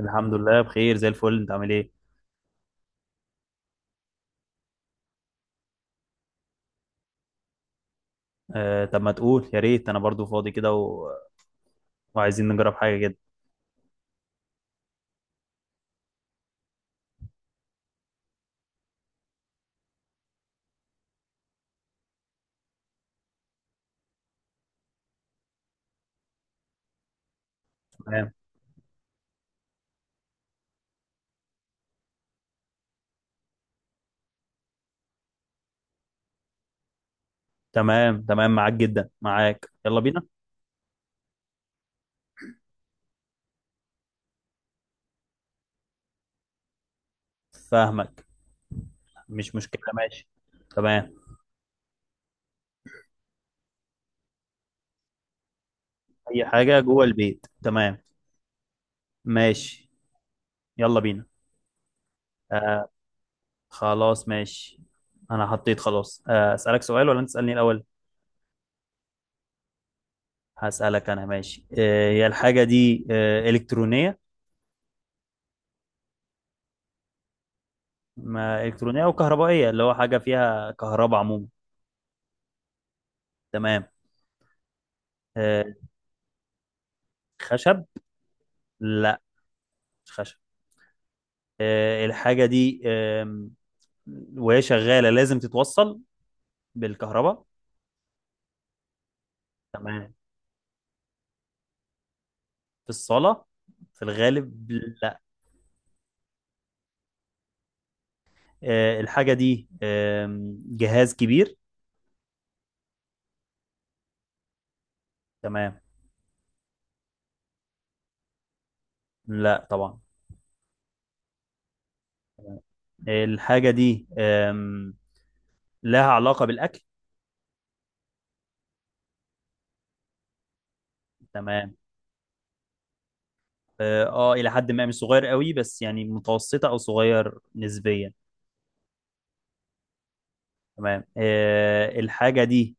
الحمد لله بخير زي الفل. انت عامل ايه؟ طب ما تقول، يا ريت انا برضو فاضي كده و... وعايزين نجرب حاجه كده. تمام، تمام، تمام، معاك جدا، معاك، يلا بينا. فاهمك. مش مشكله، ماشي. تمام. اي حاجه جوه البيت، تمام. ماشي. يلا بينا. آه. خلاص، ماشي. انا حطيت، خلاص. اسالك سؤال ولا انت تسالني الاول؟ هسالك انا، ماشي. هي الحاجه دي الكترونيه؟ ما الكترونيه وكهربائيه، اللي هو حاجه فيها كهرباء عموما. تمام. آه، خشب؟ لا، مش خشب. الحاجة دي وهي شغالة لازم تتوصل بالكهرباء. تمام. في الصالة، في الغالب. لا. الحاجة دي جهاز كبير. تمام. لا طبعا. الحاجة دي لها علاقة بالأكل. تمام. اه. إلى حد ما مش صغير قوي، بس يعني متوسطة أو صغير نسبيا. تمام. الحاجة دي،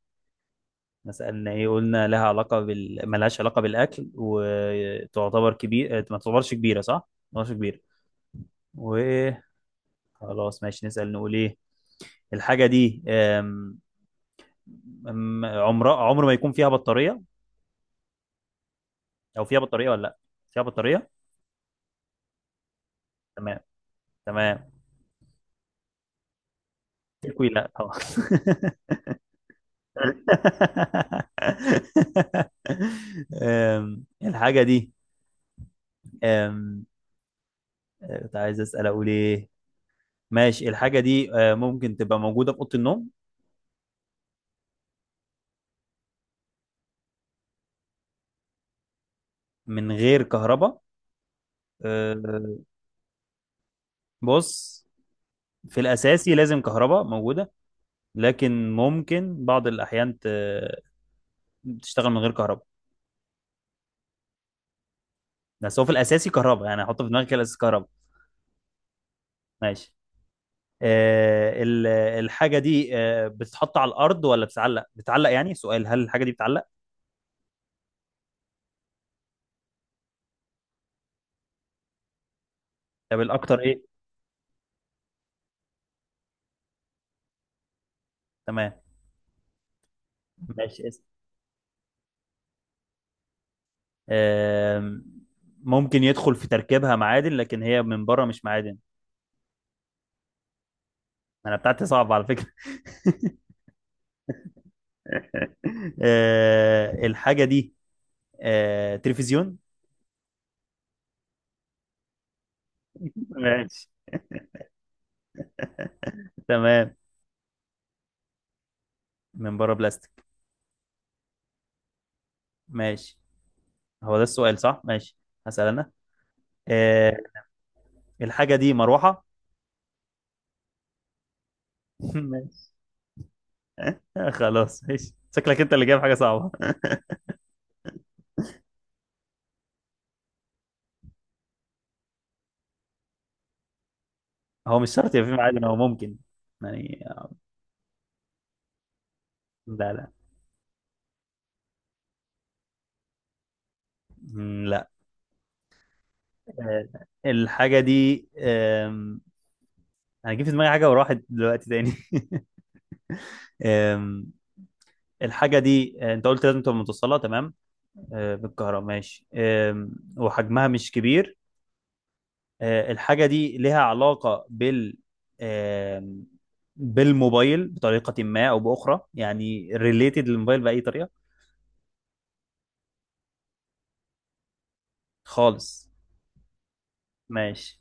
ما سألنا ايه، قلنا لها علاقة بال ملهاش علاقة بالأكل، وتعتبر كبير، ما تعتبرش كبيرة صح؟ ما تعتبرش كبيرة وخلاص. ماشي نسأل، نقول ايه. الحاجة دي عمرها عمر ما يكون فيها بطارية، أو فيها بطارية ولا لأ؟ فيها بطارية؟ تمام. تمام. تكوي؟ لأ، خلاص. الحاجة دي، أم... كنت عايز أسأل أقول ايه. ماشي. الحاجة دي ممكن تبقى موجودة في أوضة النوم. من غير كهرباء. آه، بص، في الأساسي لازم كهرباء موجودة، لكن ممكن بعض الأحيان تشتغل من غير كهرباء. بس هو في الأساسي كهرباء، يعني هحطه في دماغي كده الأساسي كهرباء. ماشي. آه، ال- الحاجة دي بتتحط على الأرض ولا بتتعلق؟ بتتعلق، يعني سؤال: هل الحاجة دي بتتعلق؟ طب الأكتر إيه؟ تمام. ماشي اسم. آم، ممكن يدخل في تركيبها معادن، لكن هي من بره مش معادن. أنا بتاعتي صعبة على فكرة. الحاجة دي تلفزيون. ماشي. تمام، من بره بلاستيك. ماشي. هو ده السؤال صح؟ ماشي. هسأل أنا. آه، الحاجة دي مروحة. ماشي. خلاص، ماشي. شكلك أنت اللي جايب حاجة صعبة. هو مش شرط يبقى في معادن، هو ممكن. يعني. لا، لا. مم، لا. آه، الحاجة دي أنا جه في دماغي حاجة وراحت دلوقتي تاني. آم، الحاجة دي، أنت قلت لازم تبقى متوصلة، تمام. بالكهرباء، ماشي. وحجمها مش كبير. الحاجة دي لها علاقة بال، آم، بالموبايل بطريقة ما أو بأخرى، يعني ريليتد للموبايل بأي طريقة. خالص. ماشي.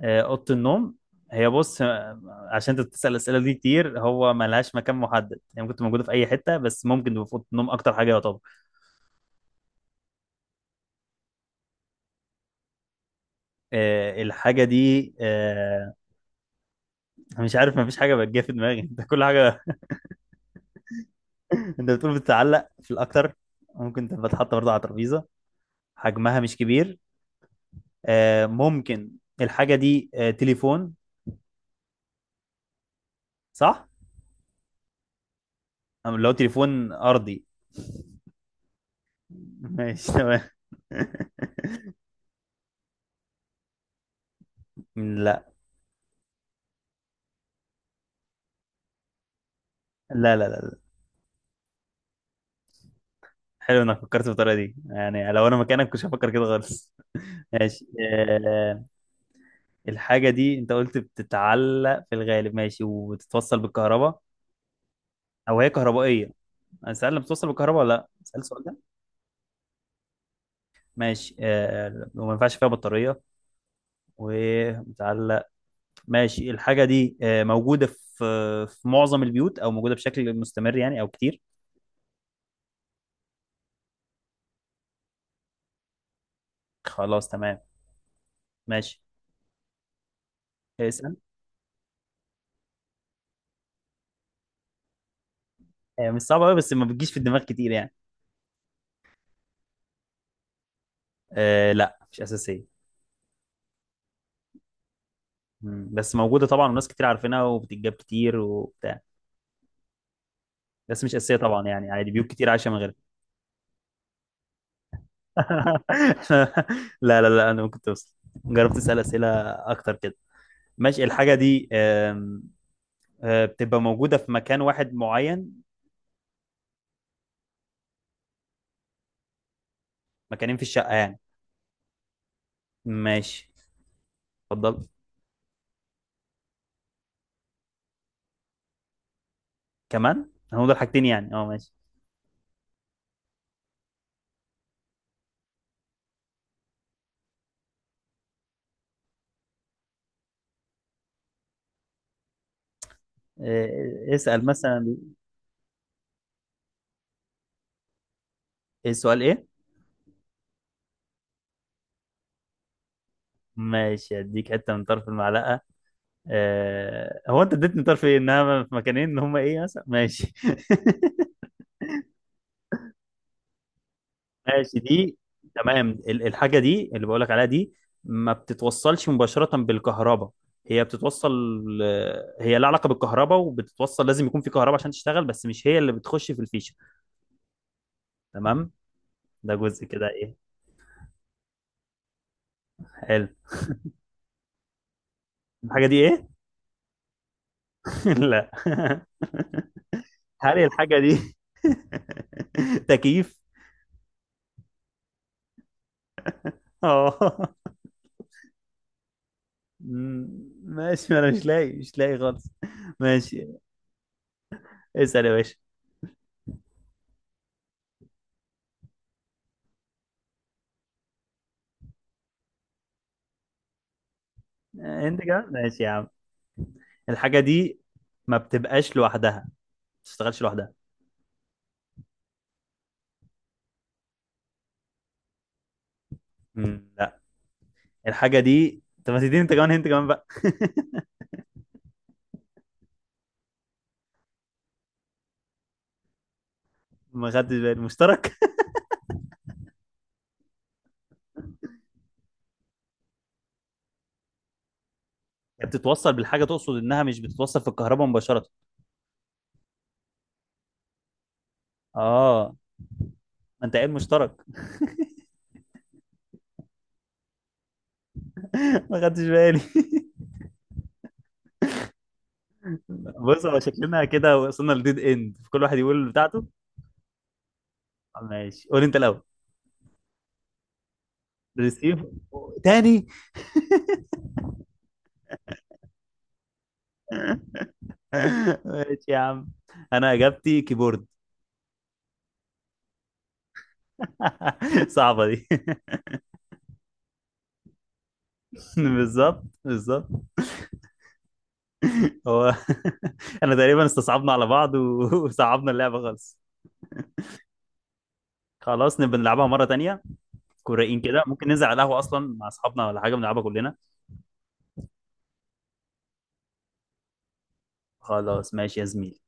أوضة النوم. هي بص، عشان انت بتسأل الأسئلة دي كتير، هو ملهاش مكان محدد، يعني ممكن تبقى موجودة في أي حتة، بس ممكن تبقى في أوضة النوم أكتر حاجة يعتبر. الحاجة دي، أنا مش عارف، مفيش حاجة بتجي في دماغي. ده كل حاجة. انت بتقول بتتعلق في الاكتر، ممكن تبقى اتحط برضه على ترابيزه، حجمها مش كبير. ممكن. الحاجه دي تليفون؟ صح؟ أم لو تليفون ارضي؟ ماشي، تمام. لا، لا، لا، لا، لا. حلو انك فكرت بالطريقه دي، يعني لو انا مكانك كنتش هفكر كده خالص. ماشي. الحاجه دي انت قلت بتتعلق في الغالب، ماشي، وتتوصل بالكهرباء، او هي كهربائيه. انا سأل بتوصل بالكهرباء ولا لا، سأل سؤال. ماشي. وما ينفعش فيها بطارية ومتعلق. ماشي. الحاجة دي موجودة في معظم البيوت، أو موجودة بشكل مستمر يعني، أو كتير. خلاص، تمام. ماشي. اسأل. مش صعبة أوي، بس ما بتجيش في الدماغ كتير يعني. لا، مش أساسية. بس موجودة طبعا، وناس كتير عارفينها وبتتجاب كتير وبتاع. بس مش أساسية طبعا، يعني عادي بيوت كتير عايشة من غيرها. لا، لا، لا، أنا ممكن توصل. جربت أسأل أسئلة أكتر كده. ماشي. الحاجة دي آم، آه، بتبقى موجودة في مكان واحد معين؟ مكانين في الشقة يعني؟ ماشي. اتفضل. كمان هنقول حاجتين يعني، اه، ماشي. اسأل مثلا. ايه السؤال، ايه؟ ماشي، اديك حتة من طرف المعلقة. هو انت اديتني طرف ايه، انها في مكانين، ان هما ايه مثلا، ماشي. ماشي دي. تمام. الحاجة دي اللي بقولك عليها دي ما بتتوصلش مباشرة بالكهرباء، هي بتتوصل. هي لها علاقة بالكهرباء وبتتوصل، لازم يكون في كهرباء عشان تشتغل، بس مش هي اللي بتخش في الفيشة. تمام. ده جزء كده ايه. حلو. الحاجة دي ايه؟ لا. هل الحاجة دي تكييف؟ اه. مم. ماشي، ما انا مش لاقي، مش لاقي خالص. ماشي. اسأل يا باشا. انت كمان، ماشي يا عم. الحاجة دي ما بتبقاش لوحدها، ما بتشتغلش لوحدها. مم، لا. الحاجة دي، طب ما تديني انت كمان، انت كمان بقى. ما خدتش بالي، مشترك؟ هي بتتوصل بالحاجة، تقصد انها مش بتتوصل في الكهرباء مباشرة؟ اه. ما انت قايل مشترك. ما خدتش بالي. بص هو شكلنا كده وصلنا لديد اند، كل واحد يقول بتاعته. ماشي، قول انت الاول. ريسيف؟ تاني؟ ماشي يا عم. انا اجابتي كيبورد. صعبة دي. بالظبط، بالظبط. هو. انا تقريبا استصعبنا على بعض وصعبنا اللعبة خالص. خلاص نبقى نلعبها مرة تانية. كوريين كده، ممكن ننزل على القهوة اصلا مع اصحابنا ولا حاجة بنلعبها كلنا. خلاص، ماشي يا زميلي.